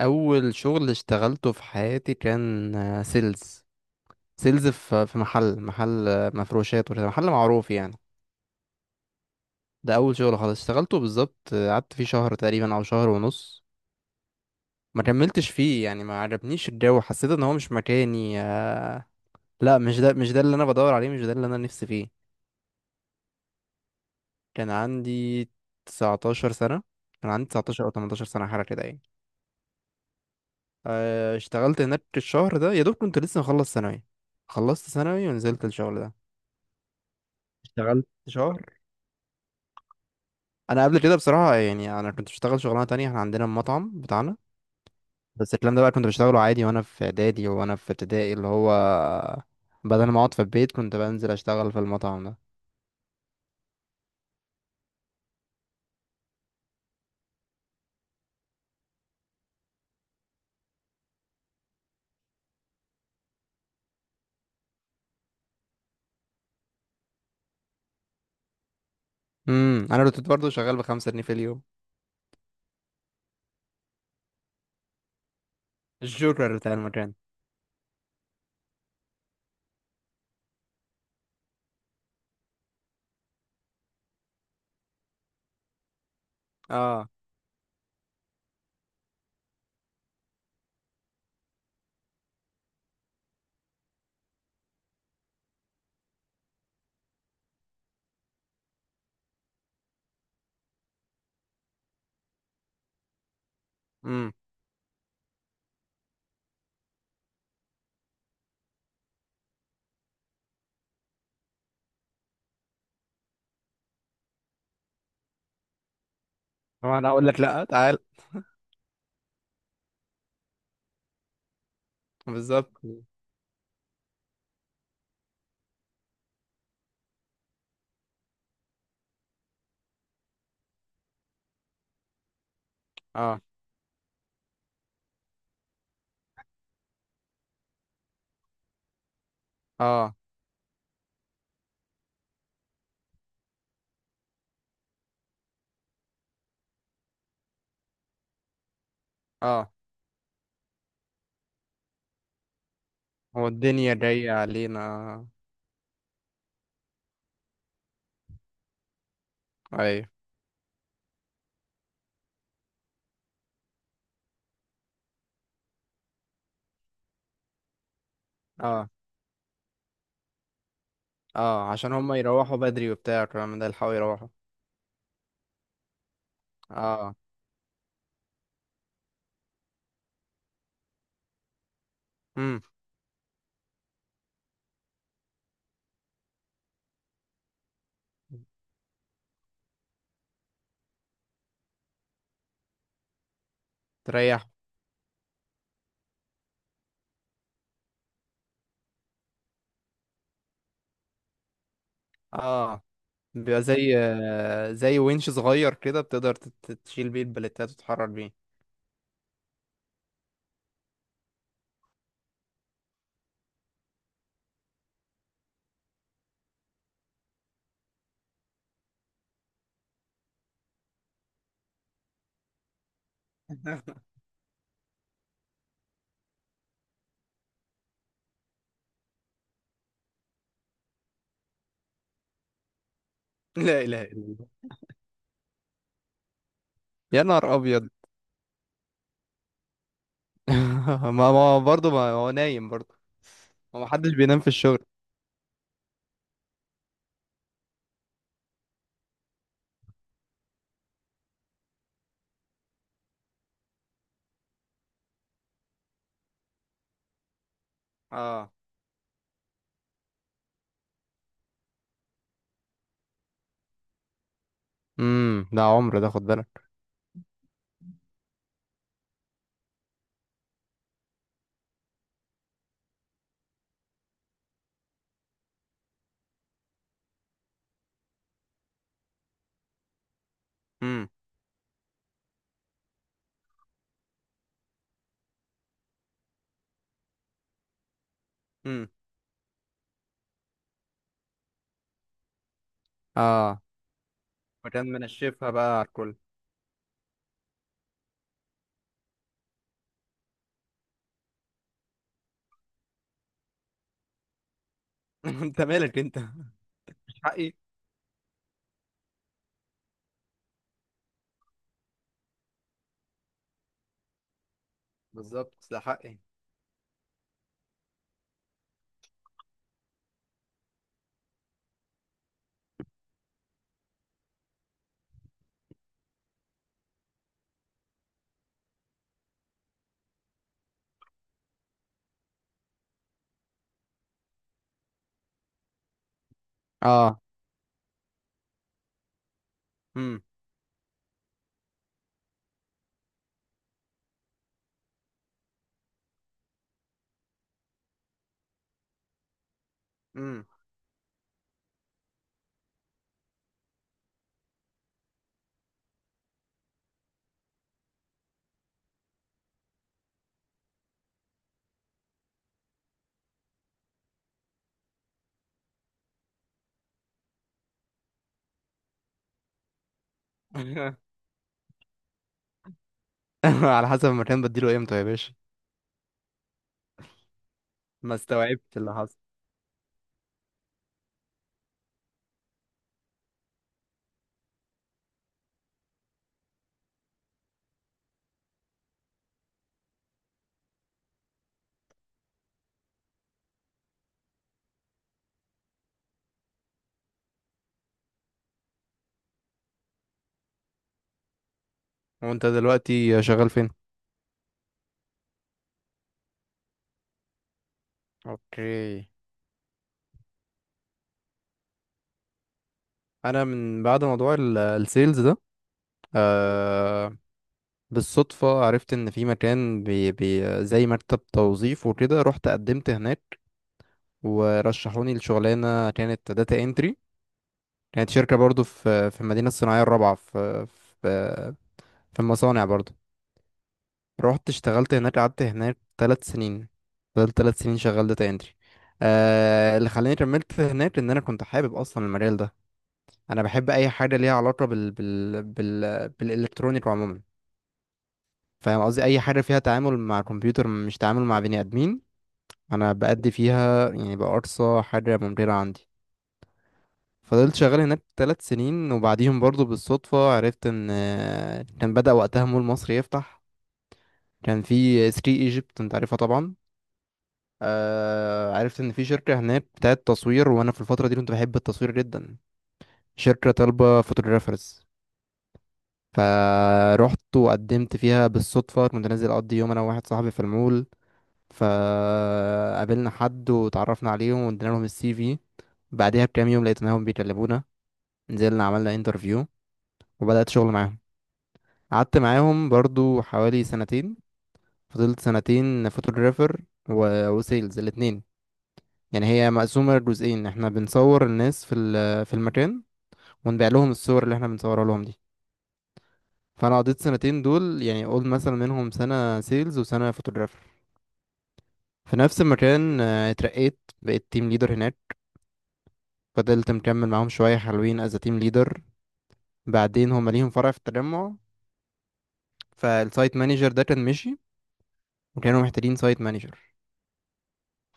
اول شغل اشتغلته في حياتي كان سيلز في محل مفروشات وكده، محل معروف يعني. ده اول شغل خالص اشتغلته بالظبط، قعدت فيه شهر تقريبا او شهر ونص. ما كملتش فيه يعني، ما عجبنيش الجو، حسيت ان هو مش مكاني. لا، مش ده اللي انا بدور عليه، مش ده اللي انا نفسي فيه. كان عندي 19 سنة. كان عندي 19 او 18 سنة حاجة كده يعني. اشتغلت هناك الشهر ده، يا دوب كنت لسه مخلص ثانوي، خلصت ثانوي ونزلت الشغل ده. اشتغلت شهر. انا قبل كده بصراحه يعني انا كنت بشتغل شغلانه تانية، احنا عندنا المطعم بتاعنا، بس الكلام ده بقى كنت بشتغله عادي وانا في اعدادي وانا في ابتدائي، اللي هو بدل ما اقعد في البيت كنت بنزل اشتغل في المطعم ده. امم، انا كنت برضه شغال بخمسة جنيه في اليوم. الجوكر بتاع المكان. اه. امم. هو انا اقول لك، لا، تعال. بالظبط. اه. اه. اه. هو الدنيا جايه علينا. ايوه. اه. اه، عشان هم يروحوا بدري وبتاع الكلام ده يلحقوا يروحوا. اه. امم. تريح. اه، بيبقى زي زي winch صغير كده، بتقدر تشيل بيه البلتات وتحرر بيه. لا اله الا الله. يا نهار ابيض. ما برضه، ما هو نايم برضه، ما محدش بينام في الشغل. اه. امم. ده عمر، ده خد بالك. امم. امم. اه. وكان منشفها بقى على الكل. انت مالك؟ انت مش حقي. بالظبط، ده حقي. اه. امم. امم. على حسب المكان، بديله امتى يا باشا؟ ما استوعبت اللي حصل. وانت دلوقتي شغال فين؟ اوكي. انا من بعد موضوع السيلز ده، آه، بالصدفة عرفت ان في مكان بي بي زي مكتب توظيف وكده، رحت قدمت هناك ورشحوني لشغلانة كانت داتا انتري. كانت شركة برضو في المدينة الصناعية الرابعة، في في المصانع برضو. رحت اشتغلت هناك، قعدت هناك ثلاث سنين. فضلت ثلاث سنين شغال داتا انتري. آه، اللي خلاني كملت هناك ان انا كنت حابب اصلا المجال ده. انا بحب اي حاجة ليها علاقة بالالكترونيك عموما. فاهم قصدي؟ اي حاجه فيها تعامل مع كمبيوتر، مش تعامل مع بني ادمين. انا بأدي فيها يعني بأقصى حاجه ممكنه عندي. فضلت شغال هناك ثلاث سنين، وبعديهم برضو بالصدفه عرفت ان كان بدأ وقتها مول مصر يفتح. كان في 3 ايجيبت، انت عارفها طبعا. آه، عرفت ان في شركه هناك بتاعت تصوير، وانا في الفتره دي كنت بحب التصوير جدا. شركه طالبه فوتوغرافرز، فروحت وقدمت فيها. بالصدفه كنت نازل اقضي يوم انا وواحد صاحبي في المول، فقابلنا حد وتعرفنا عليهم وادينا لهم السي في. بعدها بكام يوم لقيناهم بيكلمونا، نزلنا عملنا انترفيو، وبدأت شغل معاهم. قعدت معاهم برضو حوالي سنتين. فضلت سنتين فوتوغرافر و... وسيلز، الاتنين. يعني هي مقسومة لجزئين، احنا بنصور الناس في في المكان، ونبيع لهم الصور اللي احنا بنصورها لهم دي. فانا قضيت سنتين دول، يعني قول مثلا منهم سنة سيلز وسنة فوتوغرافر في نفس المكان. آه، اترقيت، بقيت تيم ليدر هناك. فضلت مكمل معاهم شوية حلوين از تيم ليدر. بعدين هما ليهم فرع في التجمع، فالسايت مانجر ده كان مشي، وكانوا محتاجين سايت مانجر.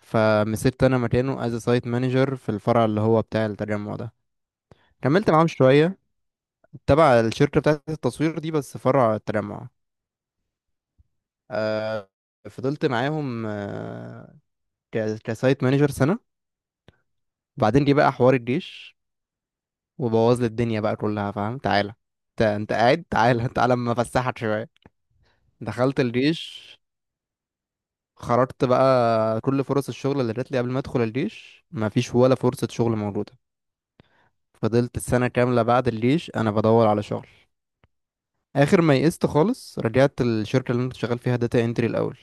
فمسكت انا مكانه از سايت مانجر في الفرع اللي هو بتاع التجمع ده. كملت معاهم شوية تبع الشركة بتاعة التصوير دي، بس فرع التجمع. آه، فضلت معاهم كسايت مانجر سنة. بعدين جه بقى حوار الجيش، وبوظ لي الدنيا بقى كلها، فاهم؟ تعالى انت، انت قاعد، تعالى تعالى اما افسحك شوية. دخلت الجيش. خرجت بقى كل فرص الشغل اللي جات لي قبل ما ادخل الجيش مفيش ولا فرصة شغل موجودة. فضلت السنة كاملة بعد الجيش انا بدور على شغل، اخر ما يئست خالص رجعت الشركة اللي انا كنت شغال فيها داتا انتري الاول.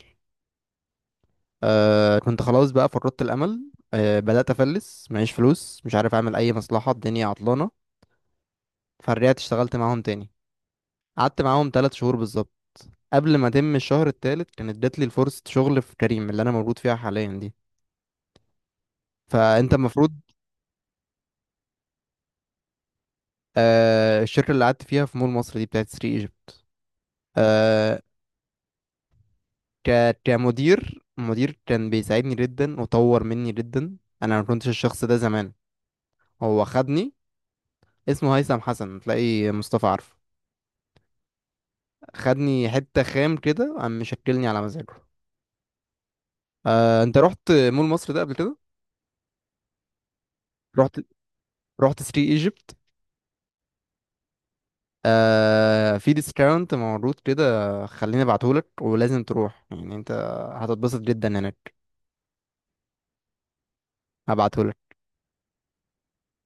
آه، كنت خلاص بقى فقدت الامل، آه، بدأت افلس، معيش فلوس، مش عارف اعمل اي مصلحة، الدنيا عطلانة. فرجعت اشتغلت معاهم تاني. قعدت معاهم تلات شهور بالظبط، قبل ما اتم الشهر التالت كانت جات لي فرصة شغل في كريم، اللي انا موجود فيها حاليا دي. فانت المفروض. آه، الشركة اللي قعدت فيها في مول مصر دي بتاعت سري ايجيبت. آه، ك كمدير مدير كان بيساعدني جدا وطور مني جدا. انا ما كنتش الشخص ده زمان، هو خدني. اسمه هيثم حسن، تلاقي مصطفى عارفه. خدني حتة خام كده، قام مشكلني على مزاجه. آه، انت رحت مول مصر ده قبل كده؟ رحت رحت سري ايجيبت. آه، في ديسكاونت موجود كده، خليني ابعتهولك، ولازم تروح يعني انت، هتتبسط جدا هناك. هبعتهولك.